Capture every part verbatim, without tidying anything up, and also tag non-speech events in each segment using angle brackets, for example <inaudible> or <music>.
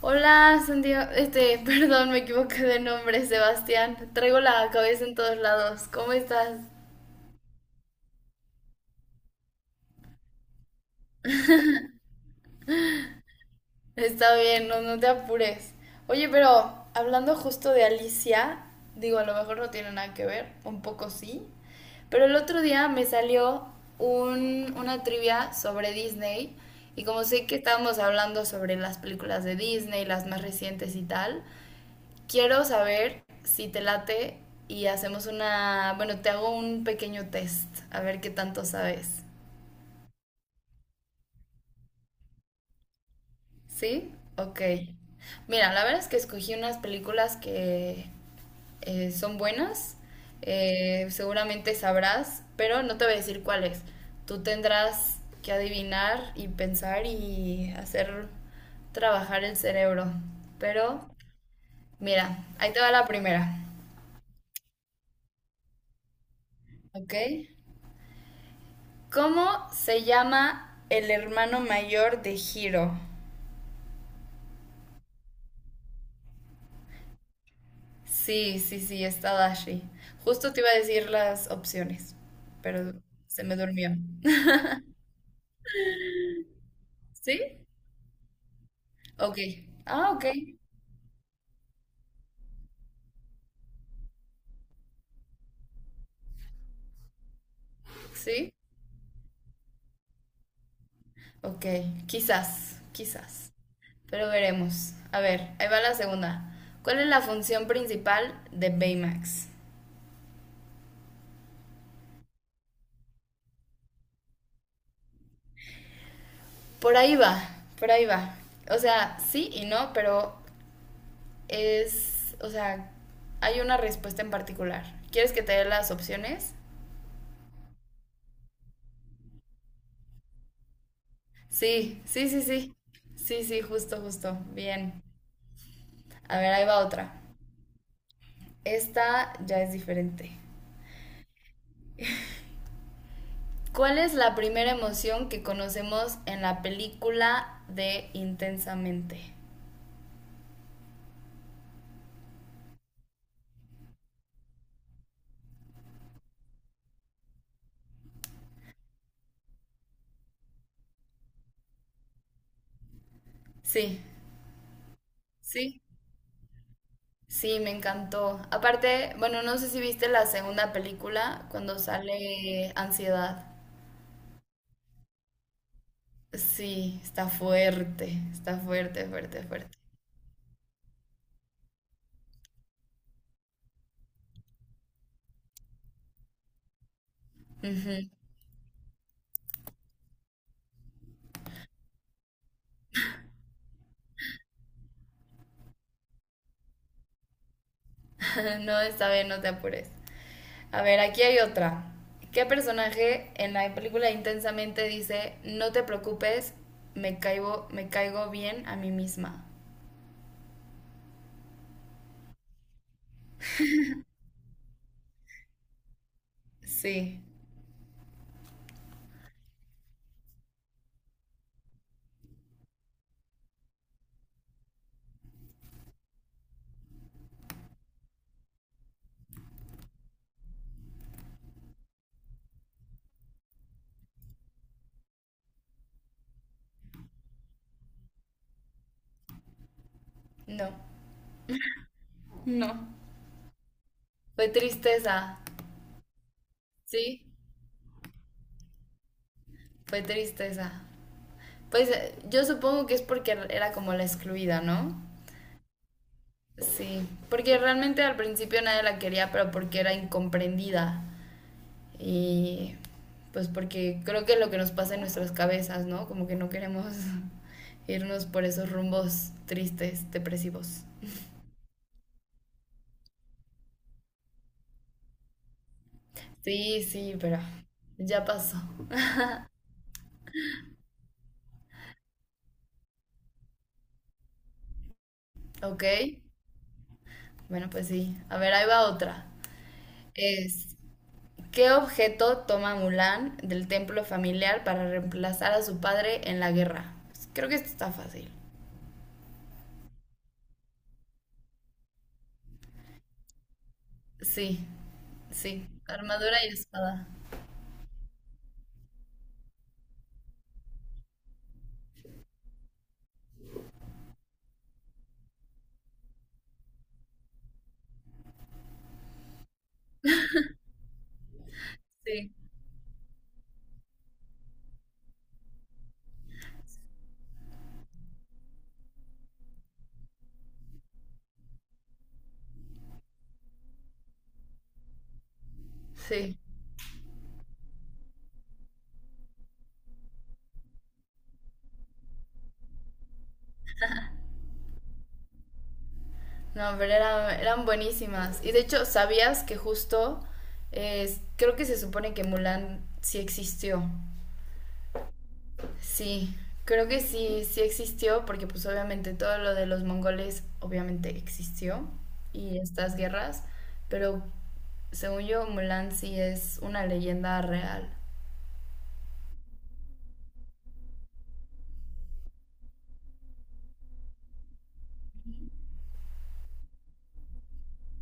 Hola, Santiago. Este, <laughs> perdón, me equivoqué de nombre, Sebastián. Traigo la cabeza en todos lados. ¿Cómo estás? Está bien, no, no te apures. Oye, pero hablando justo de Alicia, digo, a lo mejor no tiene nada que ver, un poco sí, pero el otro día me salió un- una trivia sobre Disney y como sé que estábamos hablando sobre las películas de Disney, las más recientes y tal, quiero saber si te late y hacemos una, bueno, te hago un pequeño test, a ver qué tanto sabes. ¿Sí? Ok. Mira, la verdad es que escogí unas películas que eh, son buenas, eh, seguramente sabrás, pero no te voy a decir cuáles. Tú tendrás que adivinar y pensar y hacer trabajar el cerebro. Pero, mira, ahí te va la primera, ¿ok? ¿Cómo se llama el hermano mayor de Hiro? Sí, sí, sí, está Dashi. Justo te iba a decir las opciones, pero se me durmió. <laughs> ¿Sí? Ok. Ah, ok. Sí. Ok. Quizás, quizás. Pero veremos. A ver, ahí va la segunda. ¿Cuál es la función principal de Baymax? Por ahí va, por ahí va. O sea, sí y no, pero es, o sea, hay una respuesta en particular. ¿Quieres que te dé las opciones? Sí, sí, sí, sí. Sí, sí, justo, justo. Bien. A ver, ahí va otra. Esta ya es diferente. ¿Cuál es la primera emoción que conocemos en la película de Intensamente? Sí, sí, sí, me encantó. Aparte, bueno, no sé si viste la segunda película cuando sale Ansiedad. Sí, está fuerte, está fuerte, fuerte, fuerte. Ujú. <laughs> No, está bien, no te apures. A ver, aquí hay otra. ¿Qué personaje en la película Intensamente dice, no te preocupes, me caigo, me caigo bien a mí misma? Sí, no. No. Fue tristeza, sí, fue tristeza. Pues eh, yo supongo que es porque era como la excluida, ¿no? Sí, porque realmente al principio nadie la quería, pero porque era incomprendida. Y pues porque creo que es lo que nos pasa en nuestras cabezas, ¿no? Como que no queremos <laughs> irnos por esos rumbos tristes, depresivos. Sí, sí, pero ya pasó. ¿Ok? Bueno, pues sí. A ver, ahí va otra. Es, ¿qué objeto toma Mulan del templo familiar para reemplazar a su padre en la guerra? Pues, creo que esto está fácil. Sí, sí. Armadura y espada. Sí, sí. No, pero eran, eran buenísimas. Y de hecho, ¿sabías que justo eh, creo que se supone que Mulan sí existió? Sí, creo que sí, sí existió porque pues obviamente todo lo de los mongoles obviamente existió y estas guerras, pero según yo Mulan sí es una leyenda real.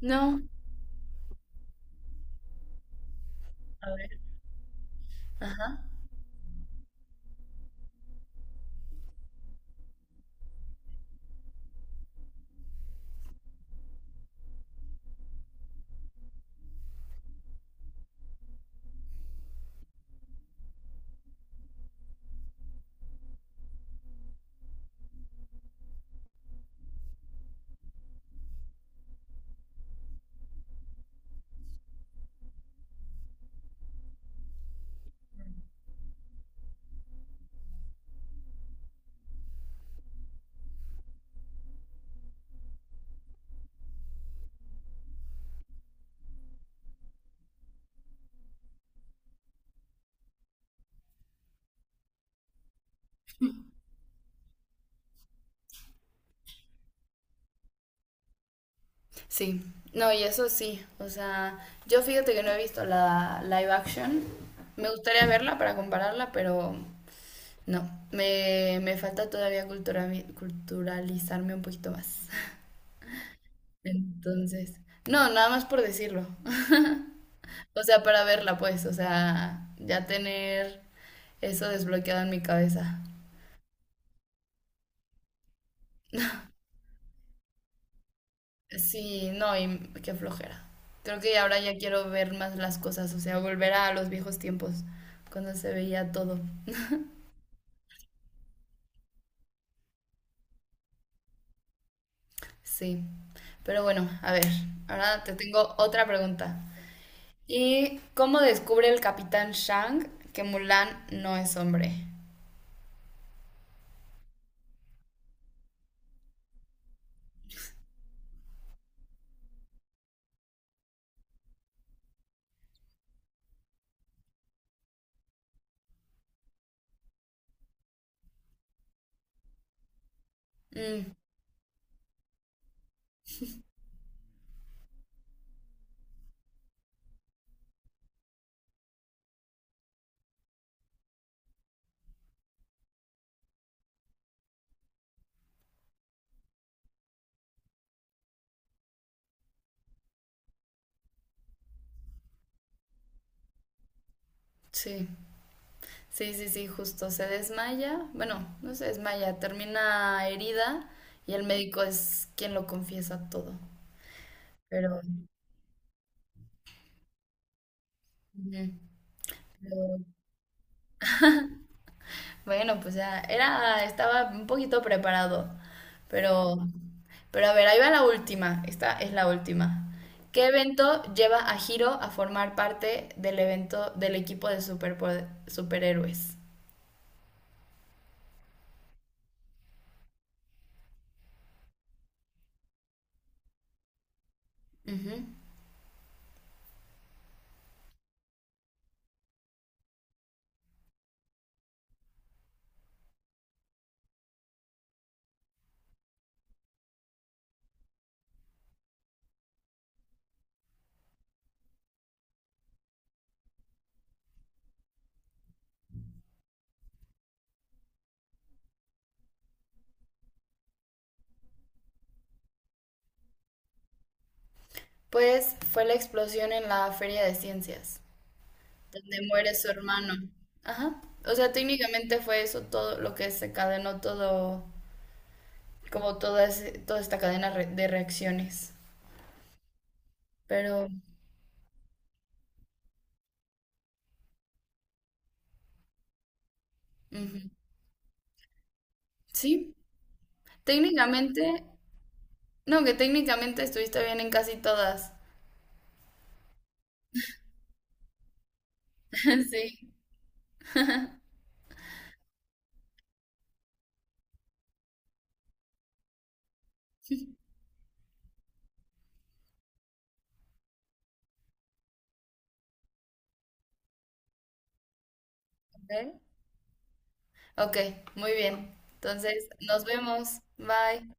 No, a ver, ajá. Sí, no, y eso sí, o sea, yo fíjate que no he visto la live action. Me gustaría verla para compararla, pero no, me, me falta todavía cultura, culturalizarme un poquito más. Entonces, no, nada más por decirlo. O sea, para verla, pues, o sea, ya tener eso desbloqueado en mi cabeza. Sí, no, y qué flojera. Creo que ahora ya quiero ver más las cosas, o sea, volver a los viejos tiempos, cuando se veía todo. Sí, pero bueno, a ver, ahora te tengo otra pregunta. ¿Y cómo descubre el capitán Shang que Mulan no es hombre? Mm, sí, sí, sí, sí, justo. Se desmaya. Bueno, no se desmaya, termina herida y el médico es quien lo confiesa todo. Pero, ujú, pero bueno, pues ya era, estaba un poquito preparado, pero, pero a ver, ahí va la última. Esta es la última. ¿Qué evento lleva a Hiro a formar parte del evento del equipo de superpo- superhéroes? Ujú. Pues fue la explosión en la Feria de Ciencias, donde muere su hermano. Ajá. O sea, técnicamente fue eso todo lo que se cadenó todo, como toda, toda esta cadena re- de reacciones. Pero, ujú. Sí. Técnicamente, no, que técnicamente estuviste bien en casi todas. <laughs> Sí. Ok, ok, muy bien. Entonces, nos vemos. Bye.